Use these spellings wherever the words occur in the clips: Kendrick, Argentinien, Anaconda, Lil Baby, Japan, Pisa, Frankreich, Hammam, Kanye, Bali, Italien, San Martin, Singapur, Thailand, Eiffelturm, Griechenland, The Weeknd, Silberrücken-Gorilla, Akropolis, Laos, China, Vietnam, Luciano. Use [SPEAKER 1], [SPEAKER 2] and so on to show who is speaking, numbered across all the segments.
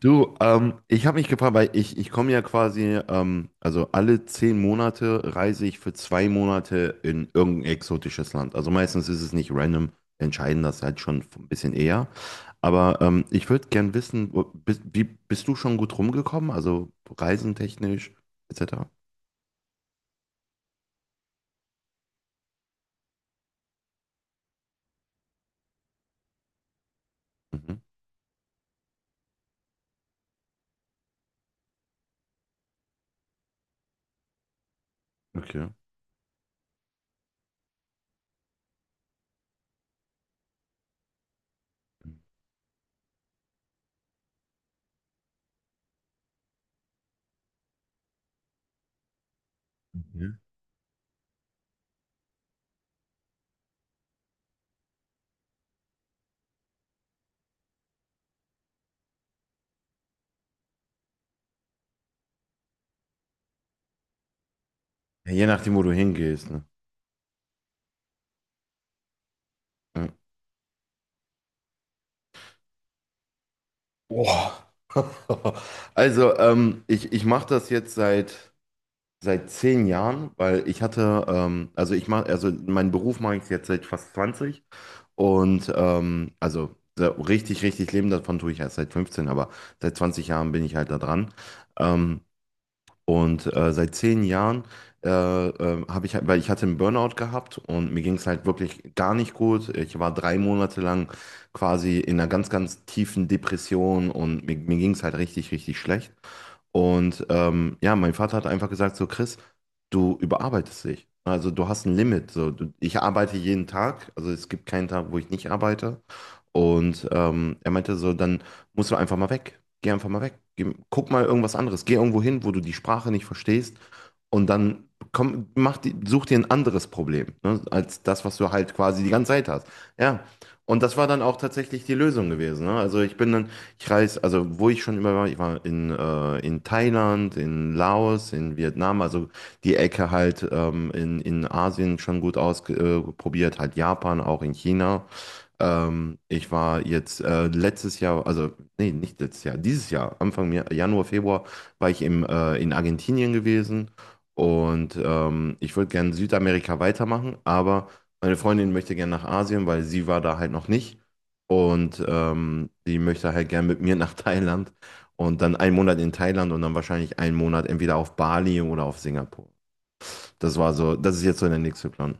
[SPEAKER 1] Du, ich habe mich gefragt, weil ich komme ja quasi, also alle 10 Monate reise ich für 2 Monate in irgendein exotisches Land. Also meistens ist es nicht random, wir entscheiden das halt schon ein bisschen eher. Aber ich würde gern wissen, bist du schon gut rumgekommen? Also reisentechnisch, etc. Mhm. Okay. Mhm. Ja, je nachdem, wo du hingehst, ne? Ja. Boah. Also, ich mache das jetzt seit. Seit 10 Jahren, weil ich hatte, also meinen Beruf mache ich jetzt seit fast 20 und also so richtig, richtig leben davon tue ich erst seit 15, aber seit 20 Jahren bin ich halt da dran. Ähm, und seit 10 Jahren habe ich, weil ich hatte einen Burnout gehabt und mir ging es halt wirklich gar nicht gut. Ich war 3 Monate lang quasi in einer ganz, ganz tiefen Depression und mir ging es halt richtig, richtig schlecht. Und ja, mein Vater hat einfach gesagt, so Chris, du überarbeitest dich. Also du hast ein Limit. So, ich arbeite jeden Tag. Also es gibt keinen Tag, wo ich nicht arbeite. Und er meinte so, dann musst du einfach mal weg. Geh einfach mal weg. Geh, guck mal irgendwas anderes. Geh irgendwo hin, wo du die Sprache nicht verstehst. Und dann komm, such dir ein anderes Problem, ne, als das, was du halt quasi die ganze Zeit hast. Ja. Und das war dann auch tatsächlich die Lösung gewesen. Ne? Also ich bin dann ich reise, also wo ich schon immer war, ich war in, in Thailand, in Laos, in Vietnam, also die Ecke halt in Asien schon gut ausprobiert, halt Japan, auch in China. Ich war jetzt letztes Jahr, also nee, nicht letztes Jahr, dieses Jahr, Anfang Januar, Februar, war ich in Argentinien gewesen und ich würde gerne Südamerika weitermachen, aber meine Freundin möchte gerne nach Asien, weil sie war da halt noch nicht und die möchte halt gerne mit mir nach Thailand und dann einen Monat in Thailand und dann wahrscheinlich einen Monat entweder auf Bali oder auf Singapur. Das ist jetzt so der nächste Plan.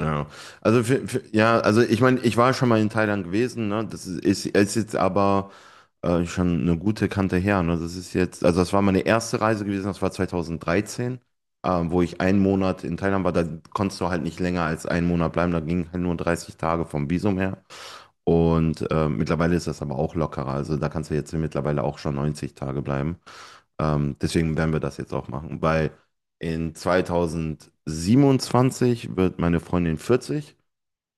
[SPEAKER 1] Ja, also ja, also ich meine, ich war schon mal in Thailand gewesen, ne? Das ist jetzt aber schon eine gute Kante her, ne? Also das war meine erste Reise gewesen, das war 2013, wo ich einen Monat in Thailand war, da konntest du halt nicht länger als einen Monat bleiben, da ging halt nur 30 Tage vom Visum her. Und mittlerweile ist das aber auch lockerer, also da kannst du jetzt mittlerweile auch schon 90 Tage bleiben. Deswegen werden wir das jetzt auch machen, weil in 2027 wird meine Freundin 40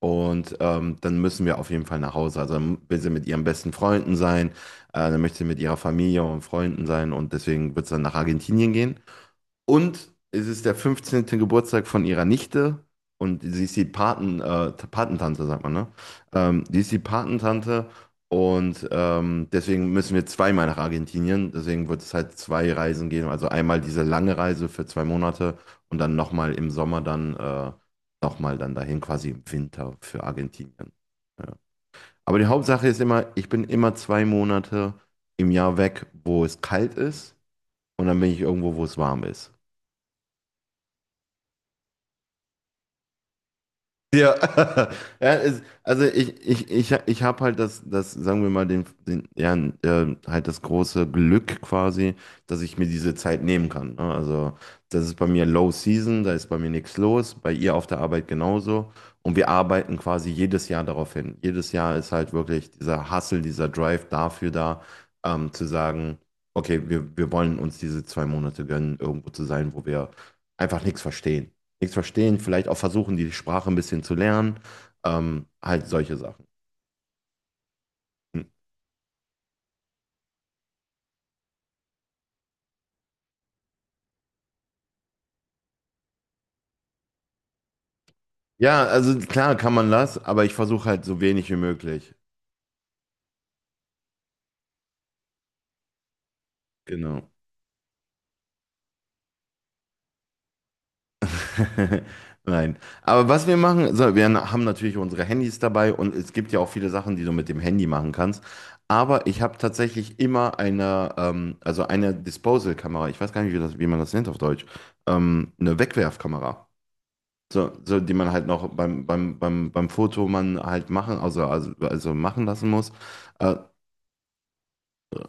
[SPEAKER 1] und dann müssen wir auf jeden Fall nach Hause. Also dann will sie mit ihren besten Freunden sein, dann möchte sie mit ihrer Familie und Freunden sein und deswegen wird es dann nach Argentinien gehen. Und es ist der 15. Geburtstag von ihrer Nichte und sie ist die Patentante, sagt man, ne? Die ist die Patentante und deswegen müssen wir zweimal nach Argentinien. Deswegen wird es halt 2 Reisen geben. Also einmal diese lange Reise für 2 Monate und dann nochmal im Sommer dann nochmal dann dahin quasi im Winter für Argentinien. Ja. Aber die Hauptsache ist immer, ich bin immer 2 Monate im Jahr weg, wo es kalt ist und dann bin ich irgendwo, wo es warm ist. Ja, also ich habe halt das, sagen wir mal, ja, halt das große Glück quasi, dass ich mir diese Zeit nehmen kann. Ne? Also das ist bei mir Low Season, da ist bei mir nichts los, bei ihr auf der Arbeit genauso. Und wir arbeiten quasi jedes Jahr darauf hin. Jedes Jahr ist halt wirklich dieser Hustle, dieser Drive dafür da, zu sagen, okay, wir wollen uns diese 2 Monate gönnen, irgendwo zu sein, wo wir einfach nichts verstehen, vielleicht auch versuchen, die Sprache ein bisschen zu lernen, halt solche Sachen. Hm. Ja, also klar kann man das, aber ich versuche halt so wenig wie möglich. Genau. Nein. Aber was wir machen, so, wir haben natürlich unsere Handys dabei und es gibt ja auch viele Sachen, die du mit dem Handy machen kannst. Aber ich habe tatsächlich immer eine Disposal-Kamera. Ich weiß gar nicht, wie man das nennt auf Deutsch. Eine Wegwerfkamera. So, die man halt noch beim Foto man halt machen, also machen lassen muss. Äh,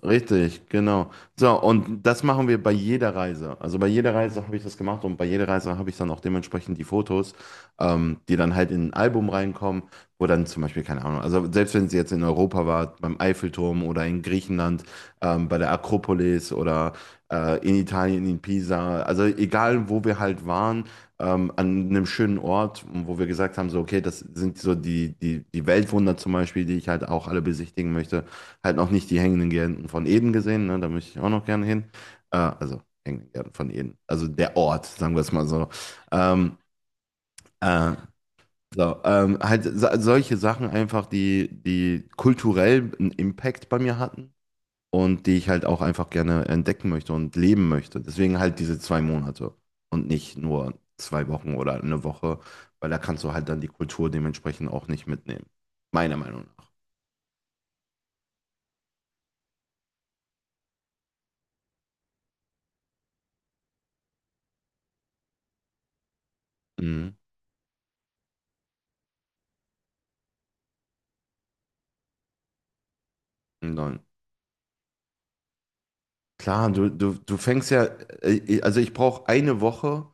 [SPEAKER 1] Richtig, genau. So, und das machen wir bei jeder Reise. Also bei jeder Reise habe ich das gemacht und bei jeder Reise habe ich dann auch dementsprechend die Fotos, die dann halt in ein Album reinkommen, wo dann zum Beispiel, keine Ahnung, also selbst wenn sie jetzt in Europa war, beim Eiffelturm oder in Griechenland, bei der Akropolis oder in Italien, in Pisa, also egal wo wir halt waren, an einem schönen Ort, wo wir gesagt haben, so, okay, das sind so die Weltwunder zum Beispiel, die ich halt auch alle besichtigen möchte. Halt noch nicht die hängenden Gärten von Eden gesehen, ne? Da möchte ich auch noch gerne hin. Also hängenden Gärten von Eden. Also der Ort, sagen wir es mal so. Ähm, äh, halt solche Sachen einfach, die kulturell einen Impact bei mir hatten und die ich halt auch einfach gerne entdecken möchte und leben möchte. Deswegen halt diese 2 Monate und nicht nur 2 Wochen oder eine Woche, weil da kannst du halt dann die Kultur dementsprechend auch nicht mitnehmen. Meiner Meinung nach. Mhm. Nein. Klar, du fängst ja, also ich brauche eine Woche,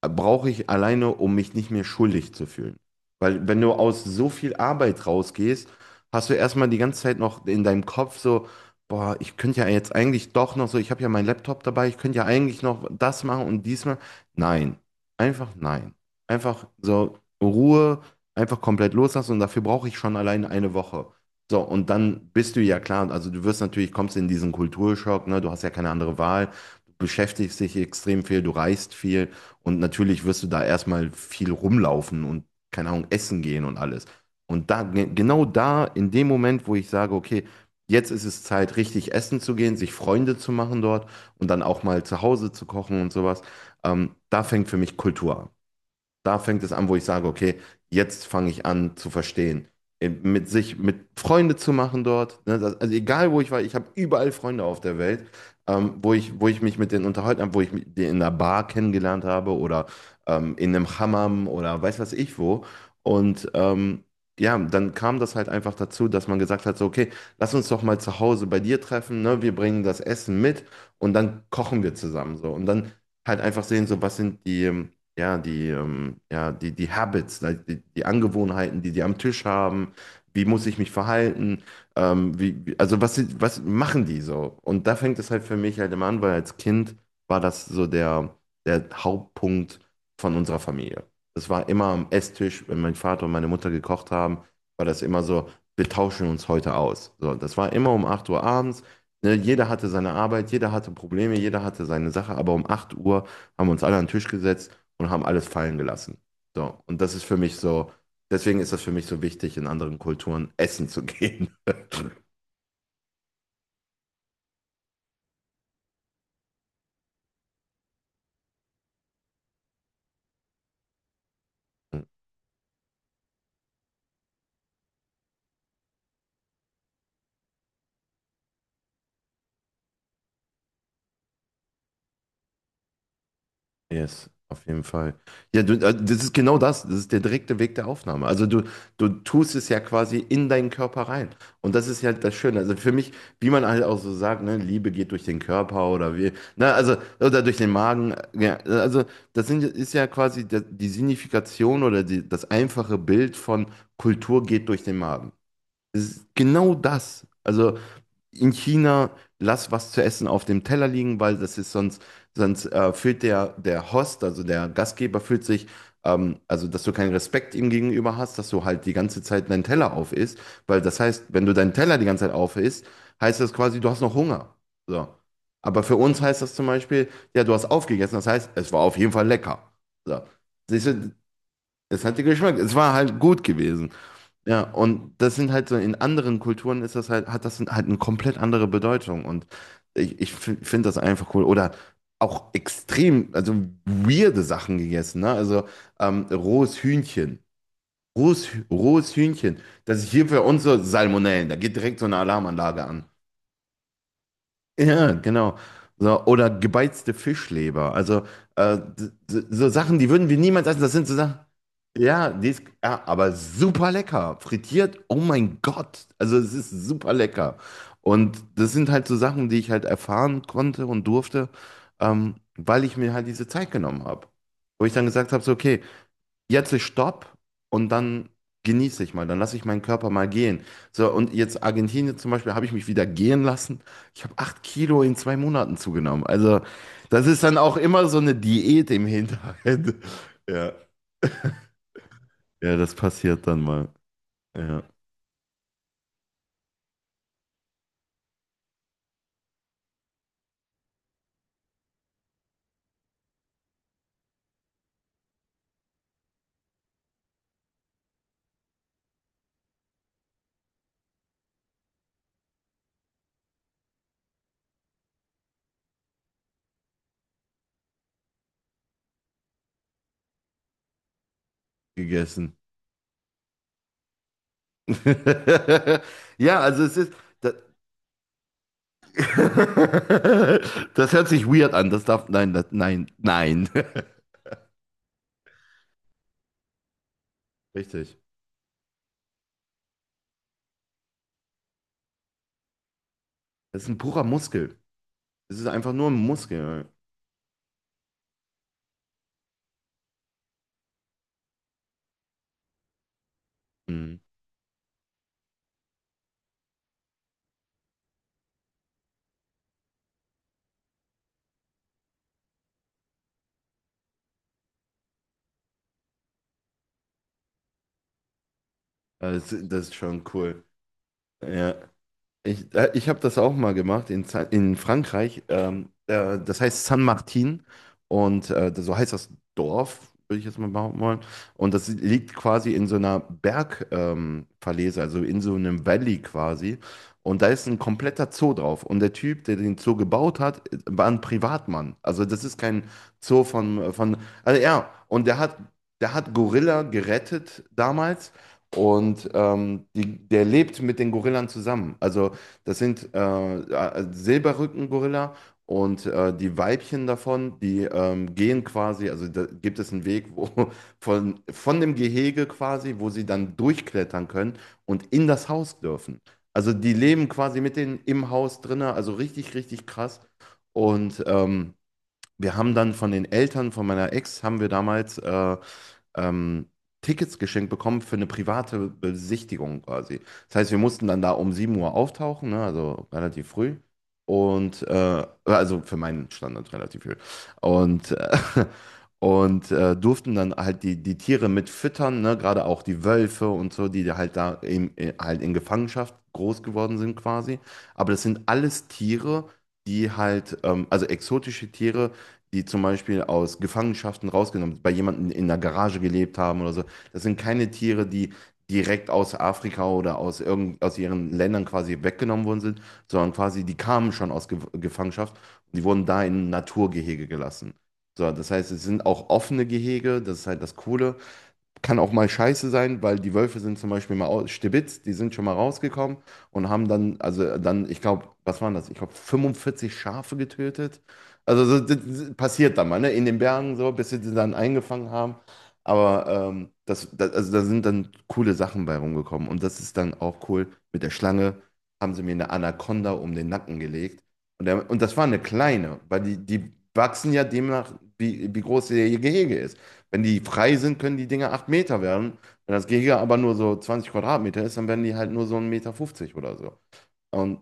[SPEAKER 1] brauche ich alleine, um mich nicht mehr schuldig zu fühlen. Weil wenn du aus so viel Arbeit rausgehst, hast du erstmal die ganze Zeit noch in deinem Kopf so, boah, ich könnte ja jetzt eigentlich doch noch so, ich habe ja meinen Laptop dabei, ich könnte ja eigentlich noch das machen und diesmal. Nein, einfach nein. Einfach so Ruhe, einfach komplett loslassen und dafür brauche ich schon allein eine Woche. So, und dann bist du ja klar, also du wirst natürlich, kommst in diesen Kulturschock, ne, du hast ja keine andere Wahl, du beschäftigst dich extrem viel, du reist viel. Und natürlich wirst du da erstmal viel rumlaufen und, keine Ahnung, essen gehen und alles. Und da, genau da, in dem Moment, wo ich sage, okay, jetzt ist es Zeit, richtig essen zu gehen, sich Freunde zu machen dort und dann auch mal zu Hause zu kochen und sowas, da fängt für mich Kultur an. Da fängt es an, wo ich sage, okay, jetzt fange ich an zu verstehen. Mit Freunde zu machen dort. Ne? Also egal, wo ich war, ich habe überall Freunde auf der Welt, wo ich mich mit denen unterhalten habe, wo ich mit denen in einer Bar kennengelernt habe oder in einem Hammam oder weiß was ich wo. Und ja, dann kam das halt einfach dazu, dass man gesagt hat, so, okay, lass uns doch mal zu Hause bei dir treffen, ne? Wir bringen das Essen mit und dann kochen wir zusammen so. Und dann halt einfach sehen, so, was sind die... ja, die Habits, like die Angewohnheiten, die die am Tisch haben, wie muss ich mich verhalten, was machen die so? Und da fängt es halt für mich halt immer an, weil als Kind war das so der Hauptpunkt von unserer Familie. Das war immer am Esstisch, wenn mein Vater und meine Mutter gekocht haben, war das immer so, wir tauschen uns heute aus. So, das war immer um 8 Uhr abends. Ne, jeder hatte seine Arbeit, jeder hatte Probleme, jeder hatte seine Sache, aber um 8 Uhr haben wir uns alle an den Tisch gesetzt und haben alles fallen gelassen. So, und das ist für mich so, deswegen ist das für mich so wichtig, in anderen Kulturen essen zu gehen. Yes, auf jeden Fall. Ja, das ist genau das. Das ist der direkte Weg der Aufnahme. Also du tust es ja quasi in deinen Körper rein. Und das ist ja das Schöne. Also für mich, wie man halt auch so sagt, ne, Liebe geht durch den Körper oder wie, na, also, oder durch den Magen. Ja, also ist ja quasi die Signifikation oder das einfache Bild von Kultur geht durch den Magen. Es ist genau das. Also in China, lass was zu essen auf dem Teller liegen, weil das ist sonst, fühlt der Host, also der Gastgeber fühlt sich, also dass du keinen Respekt ihm gegenüber hast, dass du halt die ganze Zeit deinen Teller auf isst, weil das heißt, wenn du deinen Teller die ganze Zeit auf isst, heißt das quasi, du hast noch Hunger. So. Aber für uns heißt das zum Beispiel, ja, du hast aufgegessen, das heißt, es war auf jeden Fall lecker. So. Siehst du, es hat dir geschmeckt, es war halt gut gewesen. Ja, und das sind halt so, in anderen Kulturen ist das halt, hat das halt eine komplett andere Bedeutung. Und ich finde das einfach cool. Oder auch extrem, also weirde Sachen gegessen, ne? Also rohes Hühnchen. Rohes Hühnchen. Das ist hier für uns so Salmonellen. Da geht direkt so eine Alarmanlage an. Ja, genau. So, oder gebeizte Fischleber. Also so Sachen, die würden wir niemals essen. Das sind so Sachen. Ja, die ist, ja, aber super lecker. Frittiert, oh mein Gott. Also es ist super lecker. Und das sind halt so Sachen, die ich halt erfahren konnte und durfte, weil ich mir halt diese Zeit genommen habe. Wo ich dann gesagt habe, so, okay, jetzt ist Stopp und dann genieße ich mal, dann lasse ich meinen Körper mal gehen. So, und jetzt Argentinien zum Beispiel habe ich mich wieder gehen lassen. Ich habe 8 Kilo in 2 Monaten zugenommen. Also, das ist dann auch immer so eine Diät im Hinterhalt. Ja, ja, das passiert dann mal. Ja, gegessen. Ja, also es ist. Das, das hört sich weird an. Das darf. Nein, das, nein, nein. Richtig. Das ist ein purer Muskel. Es ist einfach nur ein Muskel. Mhm. Das ist schon cool. Ja. Ich habe das auch mal gemacht in Frankreich. Das heißt San Martin und so heißt das Dorf, würde ich jetzt mal behaupten wollen. Und das liegt quasi in so einer Bergverlese, Verlese, also in so einem Valley quasi. Und da ist ein kompletter Zoo drauf. Und der Typ, der den Zoo gebaut hat, war ein Privatmann. Also das ist kein Zoo von, also ja, und der hat Gorilla gerettet damals. Und der lebt mit den Gorillas zusammen. Also das sind Silberrücken-Gorilla und die Weibchen davon, die gehen quasi, also da gibt es einen Weg wo, von dem Gehege quasi, wo sie dann durchklettern können und in das Haus dürfen. Also die leben quasi mit denen im Haus drinne, also richtig, richtig krass. Und wir haben dann von den Eltern von meiner Ex, haben wir damals ähm, Tickets geschenkt bekommen für eine private Besichtigung quasi. Das heißt, wir mussten dann da um 7 Uhr auftauchen, ne, also relativ früh. Und also für meinen Standard relativ früh. Und, äh, und durften dann halt die Tiere mit füttern, ne, gerade auch die Wölfe und so, die halt da in Gefangenschaft groß geworden sind quasi. Aber das sind alles Tiere, die halt, also exotische Tiere, die zum Beispiel aus Gefangenschaften rausgenommen, bei jemandem in der Garage gelebt haben oder so. Das sind keine Tiere, die direkt aus Afrika oder aus, irgend, aus ihren Ländern quasi weggenommen worden sind, sondern quasi die kamen schon aus Ge Gefangenschaft und die wurden da in Naturgehege gelassen. So, das heißt, es sind auch offene Gehege, das ist halt das Coole kann auch mal scheiße sein, weil die Wölfe sind zum Beispiel mal aus Stibitz, die sind schon mal rausgekommen und haben dann, also dann, ich glaube, was waren das? Ich glaube, 45 Schafe getötet. Also so, das passiert dann mal, ne? In den Bergen so, bis sie die dann eingefangen haben. Aber das, also da sind dann coole Sachen bei rumgekommen. Und das ist dann auch cool. Mit der Schlange haben sie mir eine Anaconda um den Nacken gelegt. Und das war eine kleine, weil die wachsen ja demnach, wie groß ihr Gehege ist. Wenn die frei sind, können die Dinger 8 Meter werden. Wenn das Gehege aber nur so 20 Quadratmeter ist, dann werden die halt nur so 1,50 Meter oder so. Und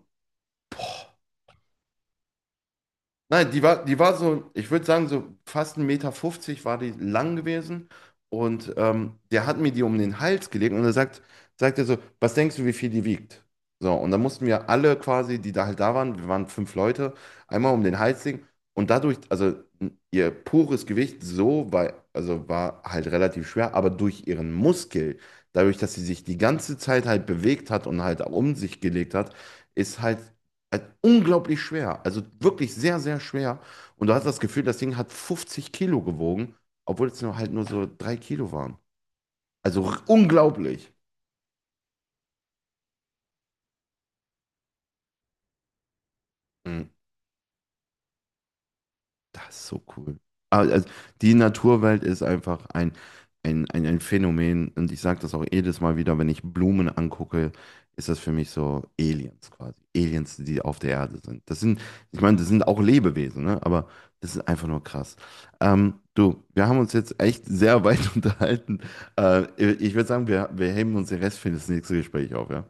[SPEAKER 1] nein, die war so, ich würde sagen, so fast 1,50 Meter war die lang gewesen. Und der hat mir die um den Hals gelegt und er sagt er so, was denkst du, wie viel die wiegt? So, und dann mussten wir alle quasi, die da halt da waren, wir waren 5 Leute, einmal um den Hals legen. Und dadurch, also ihr pures Gewicht so war, also war halt relativ schwer, aber durch ihren Muskel, dadurch, dass sie sich die ganze Zeit halt bewegt hat und halt um sich gelegt hat, ist halt also unglaublich schwer, also wirklich sehr, sehr schwer. Und du hast das Gefühl, das Ding hat 50 Kilo gewogen, obwohl es nur halt nur so 3 Kilo waren. Also unglaublich. Mm. Das ist so cool. Ah, also die Naturwelt ist einfach ein Phänomen und ich sage das auch jedes Mal wieder, wenn ich Blumen angucke, ist das für mich so Aliens quasi. Aliens, die auf der Erde sind. Das sind, ich meine, das sind auch Lebewesen, ne? Aber das ist einfach nur krass. Du, wir haben uns jetzt echt sehr weit unterhalten. Äh, ich würde sagen, wir heben uns den Rest für das nächste Gespräch auf, ja?